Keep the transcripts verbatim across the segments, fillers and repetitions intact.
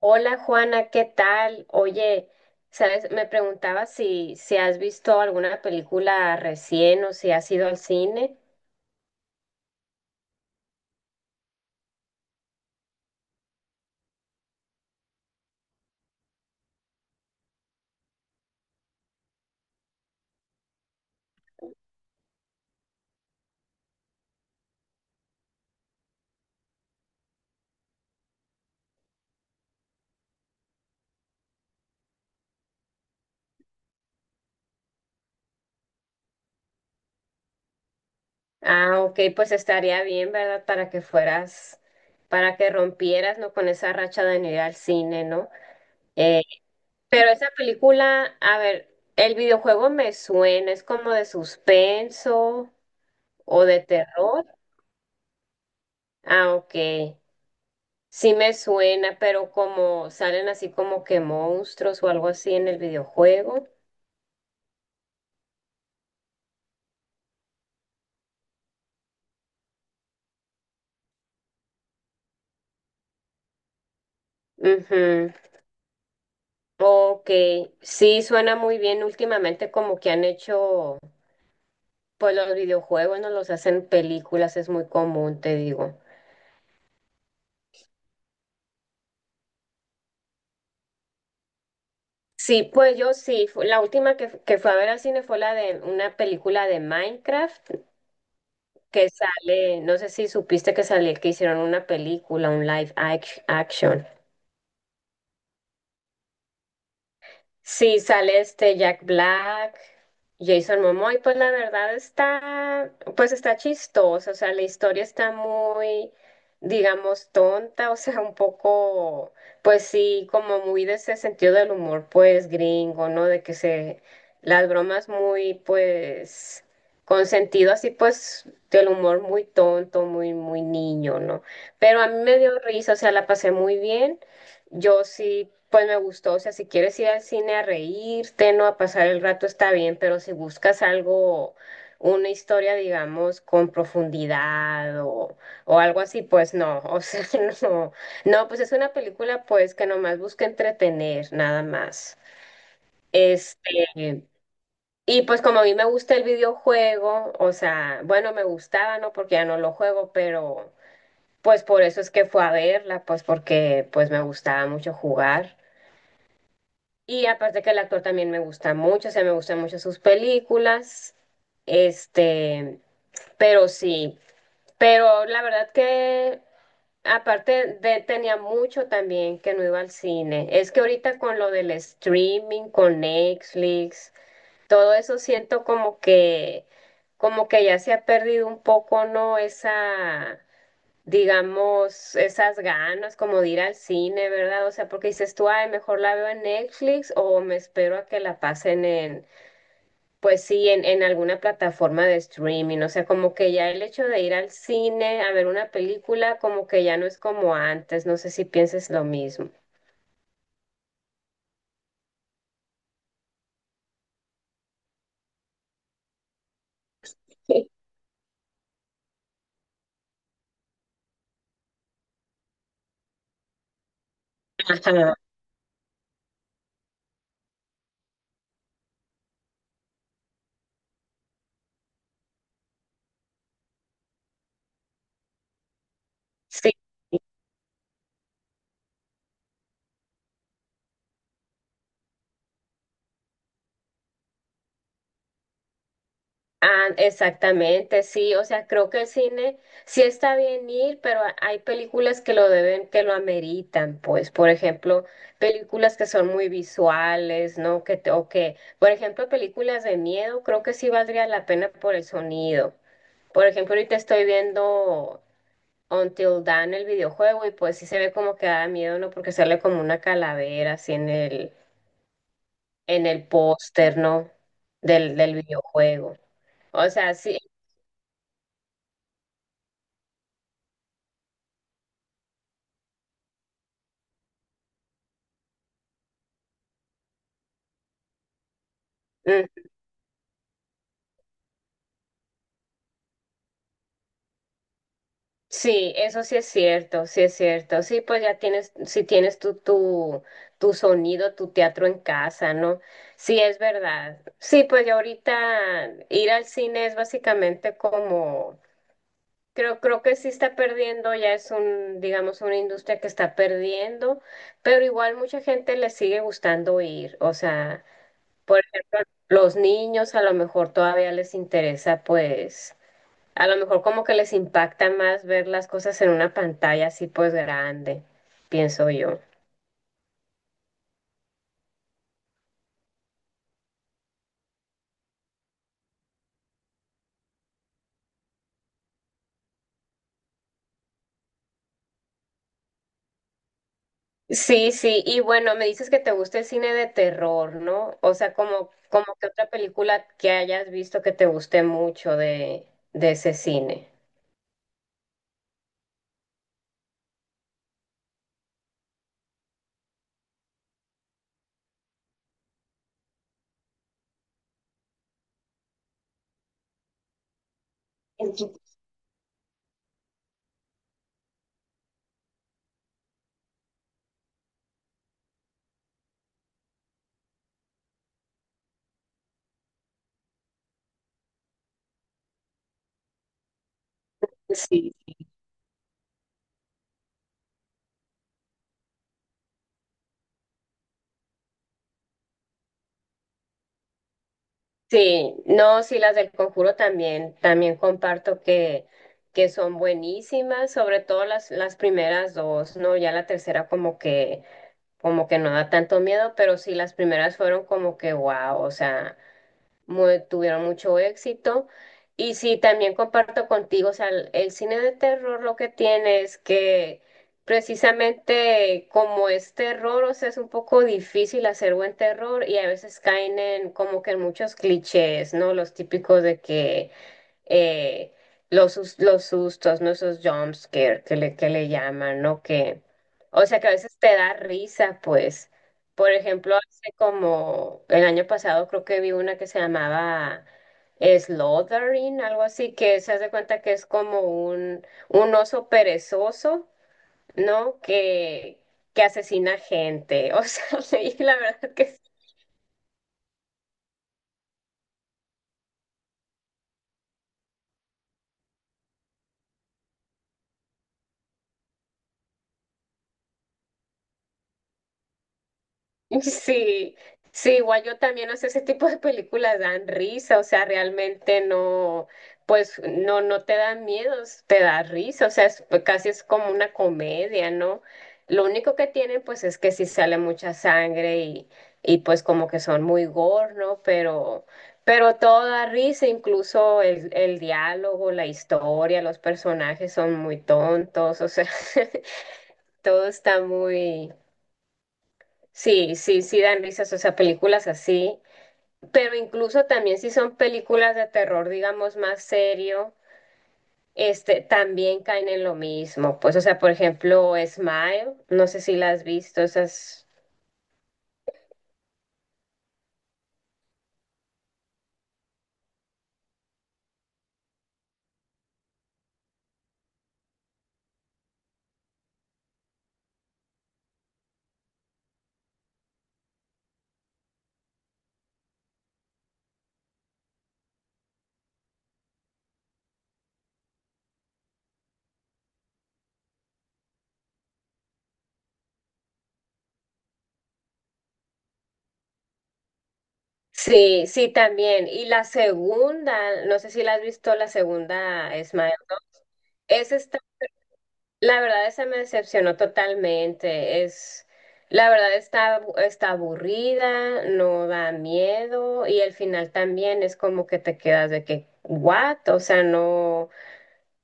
Hola Juana, ¿qué tal? Oye, sabes, me preguntaba si, si has visto alguna película recién o si has ido al cine. Ah, ok, pues estaría bien, ¿verdad? Para que fueras, para que rompieras, ¿no? Con esa racha de no ir al cine, ¿no? Eh, pero esa película, a ver, el videojuego me suena, es como de suspenso o de terror. Ah, ok. Sí me suena, pero como salen así como que monstruos o algo así en el videojuego. Ujú. Ok, sí suena muy bien. Últimamente como que han hecho, pues los videojuegos no los hacen películas, es muy común, te digo. Sí, pues yo sí, fu- la última que, que fue a ver al cine fue la de una película de Minecraft que sale, no sé si supiste que salió, que hicieron una película, un live ac- action. Sí, sale este Jack Black, Jason Momoa, y pues la verdad está, pues está chistosa, o sea, la historia está muy, digamos, tonta, o sea, un poco, pues sí, como muy de ese sentido del humor, pues gringo, ¿no? De que se, las bromas muy, pues, con sentido así, pues, del humor muy tonto, muy, muy niño, ¿no? Pero a mí me dio risa, o sea, la pasé muy bien. Yo sí, pues me gustó, o sea, si quieres ir al cine a reírte, no a pasar el rato está bien, pero si buscas algo, una historia, digamos, con profundidad o, o algo así, pues no, o sea, no, no, pues es una película pues que nomás busca entretener, nada más. Este, y pues como a mí me gusta el videojuego, o sea, bueno, me gustaba, ¿no? Porque ya no lo juego, pero pues por eso es que fue a verla, pues porque pues me gustaba mucho jugar. Y aparte que el actor también me gusta mucho, o sea, me gustan mucho sus películas, este, pero sí, pero la verdad que aparte de, tenía mucho también que no iba al cine. Es que ahorita con lo del streaming, con Netflix, todo eso siento como que, como que ya se ha perdido un poco, ¿no? Esa digamos, esas ganas como de ir al cine, ¿verdad? O sea, porque dices tú, ay, mejor la veo en Netflix o me espero a que la pasen en, pues sí, en, en alguna plataforma de streaming. O sea, como que ya el hecho de ir al cine a ver una película, como que ya no es como antes. No sé si pienses lo mismo. Ajá. Ah, exactamente, sí, o sea, creo que el cine sí está bien ir, pero ha- hay películas que lo deben, que lo ameritan, pues, por ejemplo, películas que son muy visuales, ¿no? Que te- o que, por ejemplo, películas de miedo, creo que sí valdría la pena por el sonido. Por ejemplo, ahorita estoy viendo Until Dawn, el videojuego, y pues sí se ve como que da miedo, ¿no? Porque sale como una calavera así en el, en el póster, ¿no? Del, del videojuego. O sea, sí. mm, Sí, eso sí es cierto, sí es cierto. Sí, pues ya tienes, si tienes tu, tu, tu sonido, tu teatro en casa, ¿no? Sí, es verdad. Sí, pues ya ahorita ir al cine es básicamente como, creo, creo que sí está perdiendo, ya es un, digamos, una industria que está perdiendo, pero igual mucha gente le sigue gustando ir. O sea, por ejemplo, los niños a lo mejor todavía les interesa, pues. A lo mejor como que les impacta más ver las cosas en una pantalla así pues grande, pienso yo. Sí, sí, y bueno, me dices que te gusta el cine de terror, ¿no? O sea, como, como que otra película que hayas visto que te guste mucho de, de ese cine. Ujú. Sí. Sí, no, sí, las del Conjuro también, también comparto que, que son buenísimas, sobre todo las, las primeras dos, ¿no? Ya la tercera como que como que no da tanto miedo, pero sí las primeras fueron como que wow, o sea, muy- tuvieron mucho éxito. Y sí, también comparto contigo, o sea, el, el cine de terror lo que tiene es que precisamente como es terror, o sea, es un poco difícil hacer buen terror y a veces caen en como que en muchos clichés, ¿no? Los típicos de que eh, los, sus- los sustos, ¿no? Esos jump scare que le, que le llaman, ¿no? Que, o sea, que a veces te da risa, pues. Por ejemplo, hace como el año pasado creo que vi una que se llamaba Slaughtering, algo así, que se hace cuenta que es como un, un oso perezoso, ¿no? Que, que asesina gente. O sea, y la verdad que Sí, sí, igual yo también, o sea, ese tipo de películas dan risa, o sea, realmente no, pues no, no te dan miedos, te da risa, o sea, es- pues, casi es como una comedia, ¿no? Lo único que tienen, pues, es que sí sale mucha sangre y, y pues como que son muy gore, ¿no? Pero, pero todo da risa, incluso el, el diálogo, la historia, los personajes son muy tontos, o sea, todo está muy... Sí, sí, sí dan risas, o sea, películas así, pero incluso también si son películas de terror, digamos, más serio, este, también caen en lo mismo. Pues, o sea, por ejemplo, Smile, no sé si la has visto, esas... Sí, sí, también. Y la segunda, no sé si la has visto, la segunda, Smile. Esa está. La verdad, esa me decepcionó totalmente. Es, la verdad está, abu- está aburrida, no da miedo y el final también es como que te quedas de que, ¿what? O sea, no,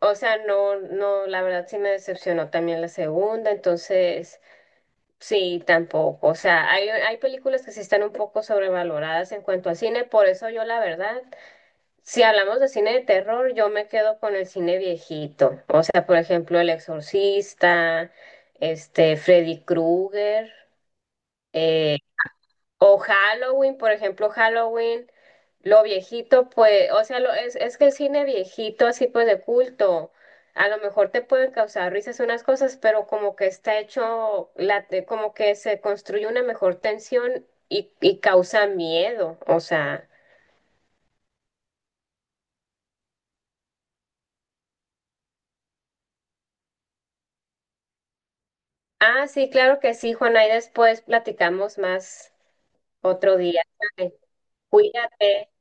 o sea, no, no, la verdad sí me decepcionó también la segunda, entonces sí, tampoco. O sea, hay, hay películas que sí están un poco sobrevaloradas en cuanto al cine, por eso yo la verdad. Si hablamos de cine de terror, yo me quedo con el cine viejito. O sea, por ejemplo, El Exorcista, este, Freddy Krueger, eh, o Halloween, por ejemplo, Halloween, lo viejito, pues, o sea, lo, es, es que el cine viejito, así pues de culto, a lo mejor te pueden causar risas unas cosas, pero como que está hecho, la, te- como que se construye una mejor tensión y, y causa miedo. O sea. Ah, sí, claro que sí, Juana, y después platicamos más otro día. ¿Sale? Cuídate.